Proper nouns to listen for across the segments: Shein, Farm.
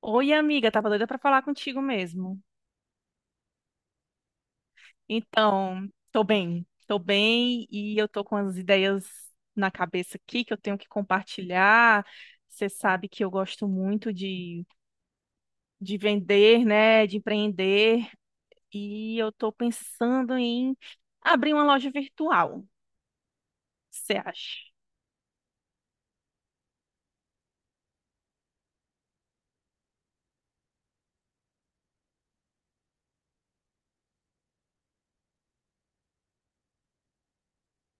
Oi, amiga, tava doida pra falar contigo mesmo. Então, tô bem e eu tô com as ideias na cabeça aqui que eu tenho que compartilhar. Você sabe que eu gosto muito de vender, né, de empreender e eu tô pensando em abrir uma loja virtual. Você acha?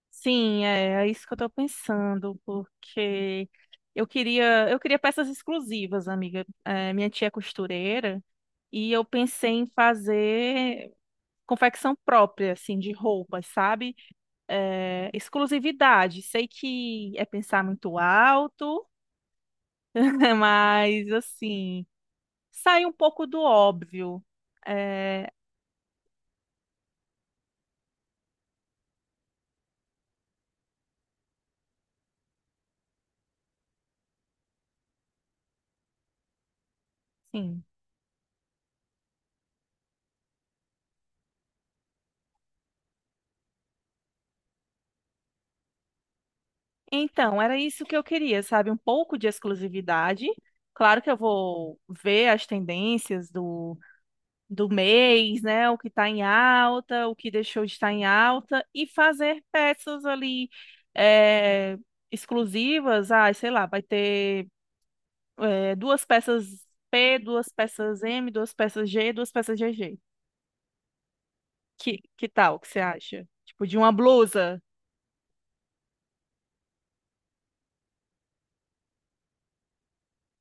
Sim, é isso que eu tô pensando, porque eu queria peças exclusivas, amiga. É, minha tia é costureira. E eu pensei em fazer confecção própria, assim, de roupas, sabe? É, exclusividade. Sei que é pensar muito alto, mas, assim, sai um pouco do óbvio. É, sim. Então, era isso que eu queria, sabe? Um pouco de exclusividade. Claro que eu vou ver as tendências do mês, né? O que está em alta, o que deixou de estar em alta, e fazer peças ali é, exclusivas. Ah, sei lá, vai ter duas peças P, duas peças M, duas peças G, duas peças GG. Que tal? O que você acha? Tipo, de uma blusa.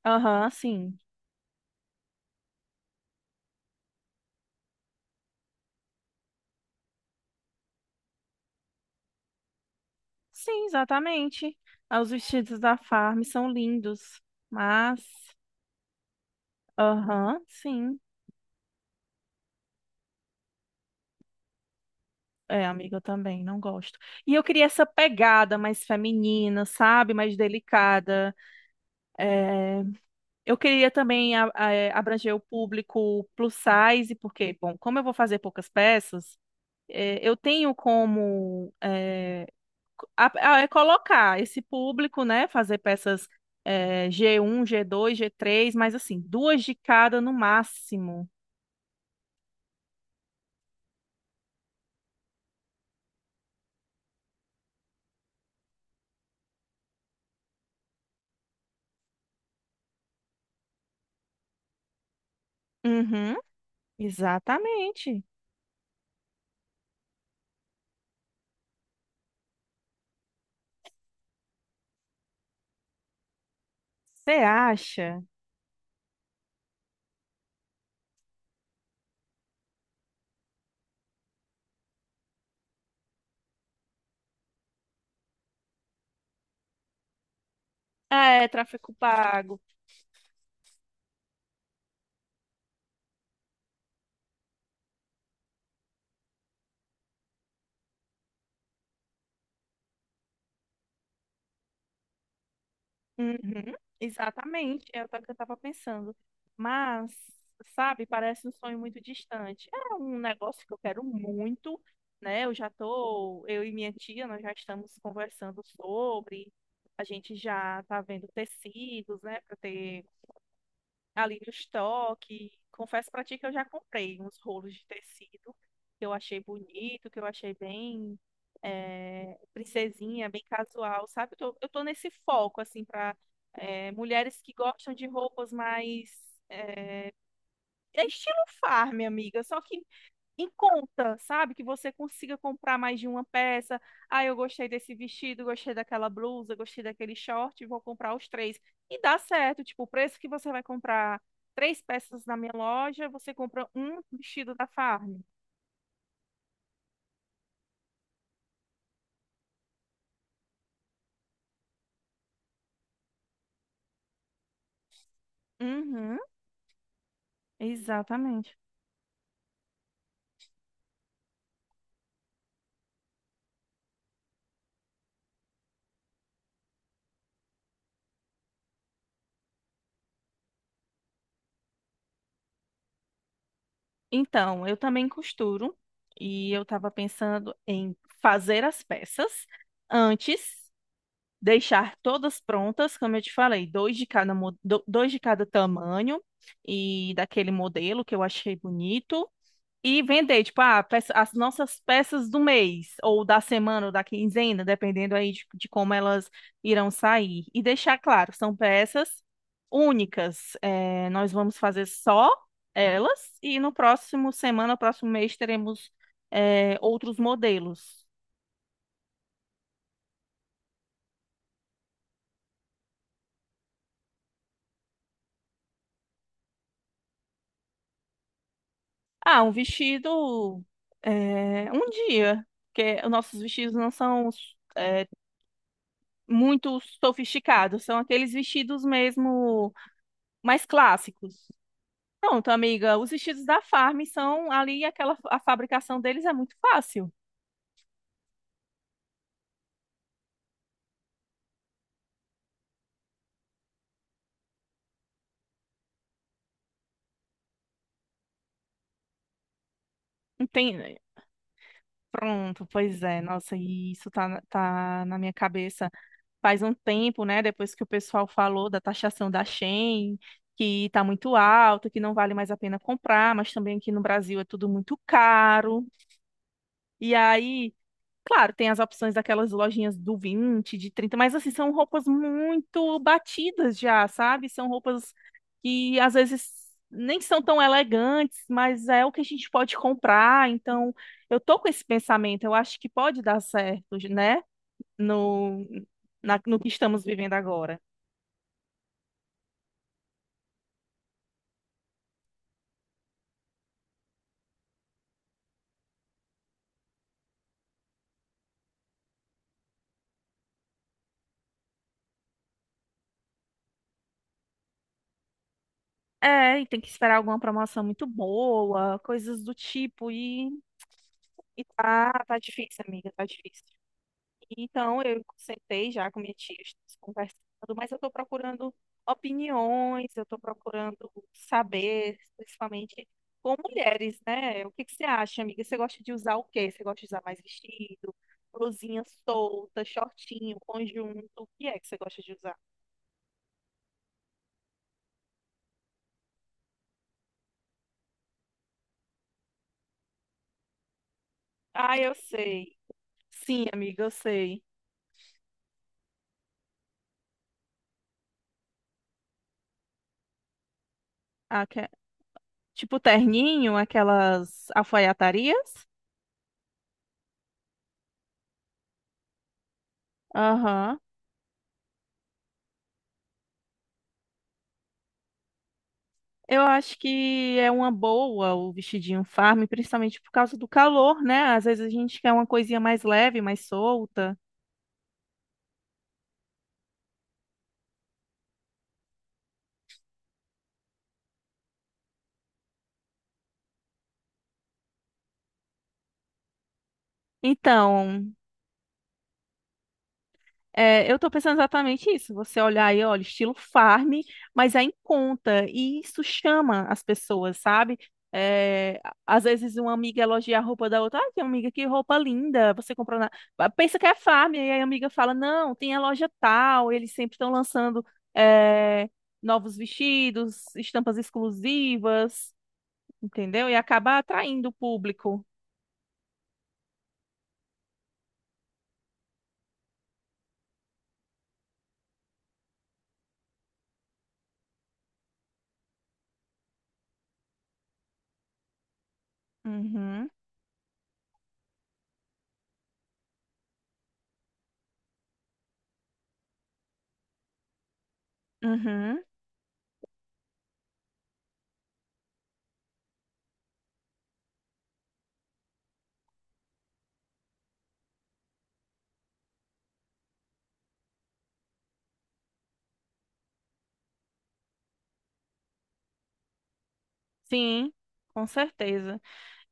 Aham, sim. Sim, exatamente. Ah, os vestidos da Farm são lindos, mas. Aham, sim. É, amiga, eu também não gosto. E eu queria essa pegada mais feminina, sabe? Mais delicada. Eu queria também abranger o público plus size, porque, bom, como eu vou fazer poucas peças, eu tenho como co- a- colocar esse público, né? Fazer peças g um, g dois, g três, mas assim, duas de cada no máximo. Uhum, exatamente. Você acha? Ah, é, tráfego pago. Uhum, exatamente, é o que eu estava pensando. Mas, sabe, parece um sonho muito distante. É um negócio que eu quero muito, né? Eu e minha tia, nós já estamos conversando sobre. A gente já tá vendo tecidos, né, para ter ali no estoque. Confesso pra ti que eu já comprei uns rolos de tecido que eu achei bonito, que eu achei bem princesinha, bem casual, sabe? Eu tô nesse foco, assim, pra mulheres que gostam de roupas mais. eh, É estilo farm, amiga, só que em conta, sabe? Que você consiga comprar mais de uma peça. Ah, eu gostei desse vestido, gostei daquela blusa, gostei daquele short, vou comprar os três. E dá certo, tipo, o preço que você vai comprar três peças na minha loja, você compra um vestido da Farm. Uhum, exatamente. Então, eu também costuro e eu estava pensando em fazer as peças antes deixar todas prontas, como eu te falei, dois de cada, dois de cada tamanho e daquele modelo que eu achei bonito. E vender, tipo, ah, as nossas peças do mês, ou da semana, ou da quinzena, dependendo aí de como elas irão sair. E deixar claro, são peças únicas. É, nós vamos fazer só elas, e no próximo semana, próximo mês, teremos, outros modelos. Ah, um vestido, um dia, porque os nossos vestidos não são é, muito sofisticados, são aqueles vestidos mesmo mais clássicos. Pronto, amiga, os vestidos da Farm são ali, aquela, a fabricação deles é muito fácil. Não tem. Pronto, pois é, nossa, e isso tá, tá na minha cabeça faz um tempo, né, depois que o pessoal falou da taxação da Shein, que está muito alta, que não vale mais a pena comprar, mas também aqui no Brasil é tudo muito caro. E aí, claro, tem as opções daquelas lojinhas do 20, de 30. Mas assim, são roupas muito batidas já, sabe? São roupas que às vezes nem são tão elegantes, mas é o que a gente pode comprar. Então, eu tô com esse pensamento, eu acho que pode dar certo, né? No, no que estamos vivendo agora. É, e tem que esperar alguma promoção muito boa, coisas do tipo, e tá, tá difícil, amiga, tá difícil. Então, eu sentei já com minha tia, estamos conversando, mas eu tô procurando opiniões, eu tô procurando saber, principalmente com mulheres, né? O que que você acha, amiga? Você gosta de usar o quê? Você gosta de usar mais vestido, blusinha solta, shortinho, conjunto? O que é que você gosta de usar? Ah, eu sei. Sim, amiga, eu sei. Tipo terninho, aquelas alfaiatarias. Aham. Eu acho que é uma boa o vestidinho farm, principalmente por causa do calor, né? Às vezes a gente quer uma coisinha mais leve, mais solta. Então, é, eu estou pensando exatamente isso. Você olhar aí, olha, estilo farm, mas é em conta. E isso chama as pessoas, sabe? Às vezes uma amiga elogia a roupa da outra. Ah, que amiga, que roupa linda. Você comprou na... Ah, pensa que é farm. E aí a amiga fala, não, tem a loja tal. Eles sempre estão lançando é, novos vestidos, estampas exclusivas, entendeu? E acaba atraindo o público. Uhum, uhum. Sim, com certeza.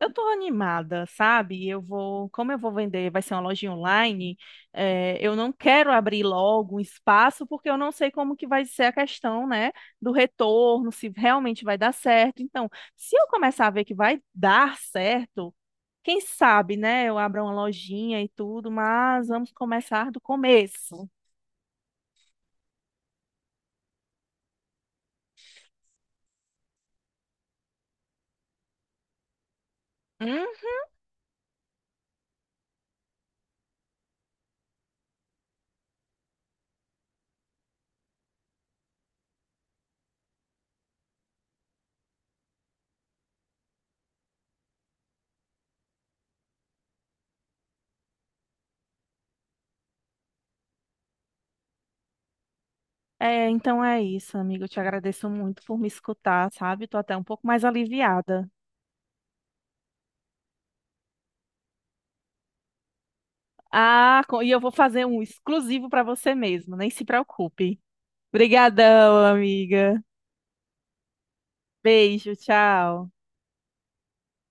Eu tô animada, sabe? Eu vou, como eu vou vender, vai ser uma lojinha online, eu não quero abrir logo um espaço, porque eu não sei como que vai ser a questão, né, do retorno, se realmente vai dar certo. Então, se eu começar a ver que vai dar certo, quem sabe, né, eu abra uma lojinha e tudo, mas vamos começar do começo. Hum? É, então é isso, amigo. Eu te agradeço muito por me escutar, sabe? Tô até um pouco mais aliviada. Ah, e eu vou fazer um exclusivo para você mesmo, nem se preocupe. Obrigadão, amiga. Beijo, tchau.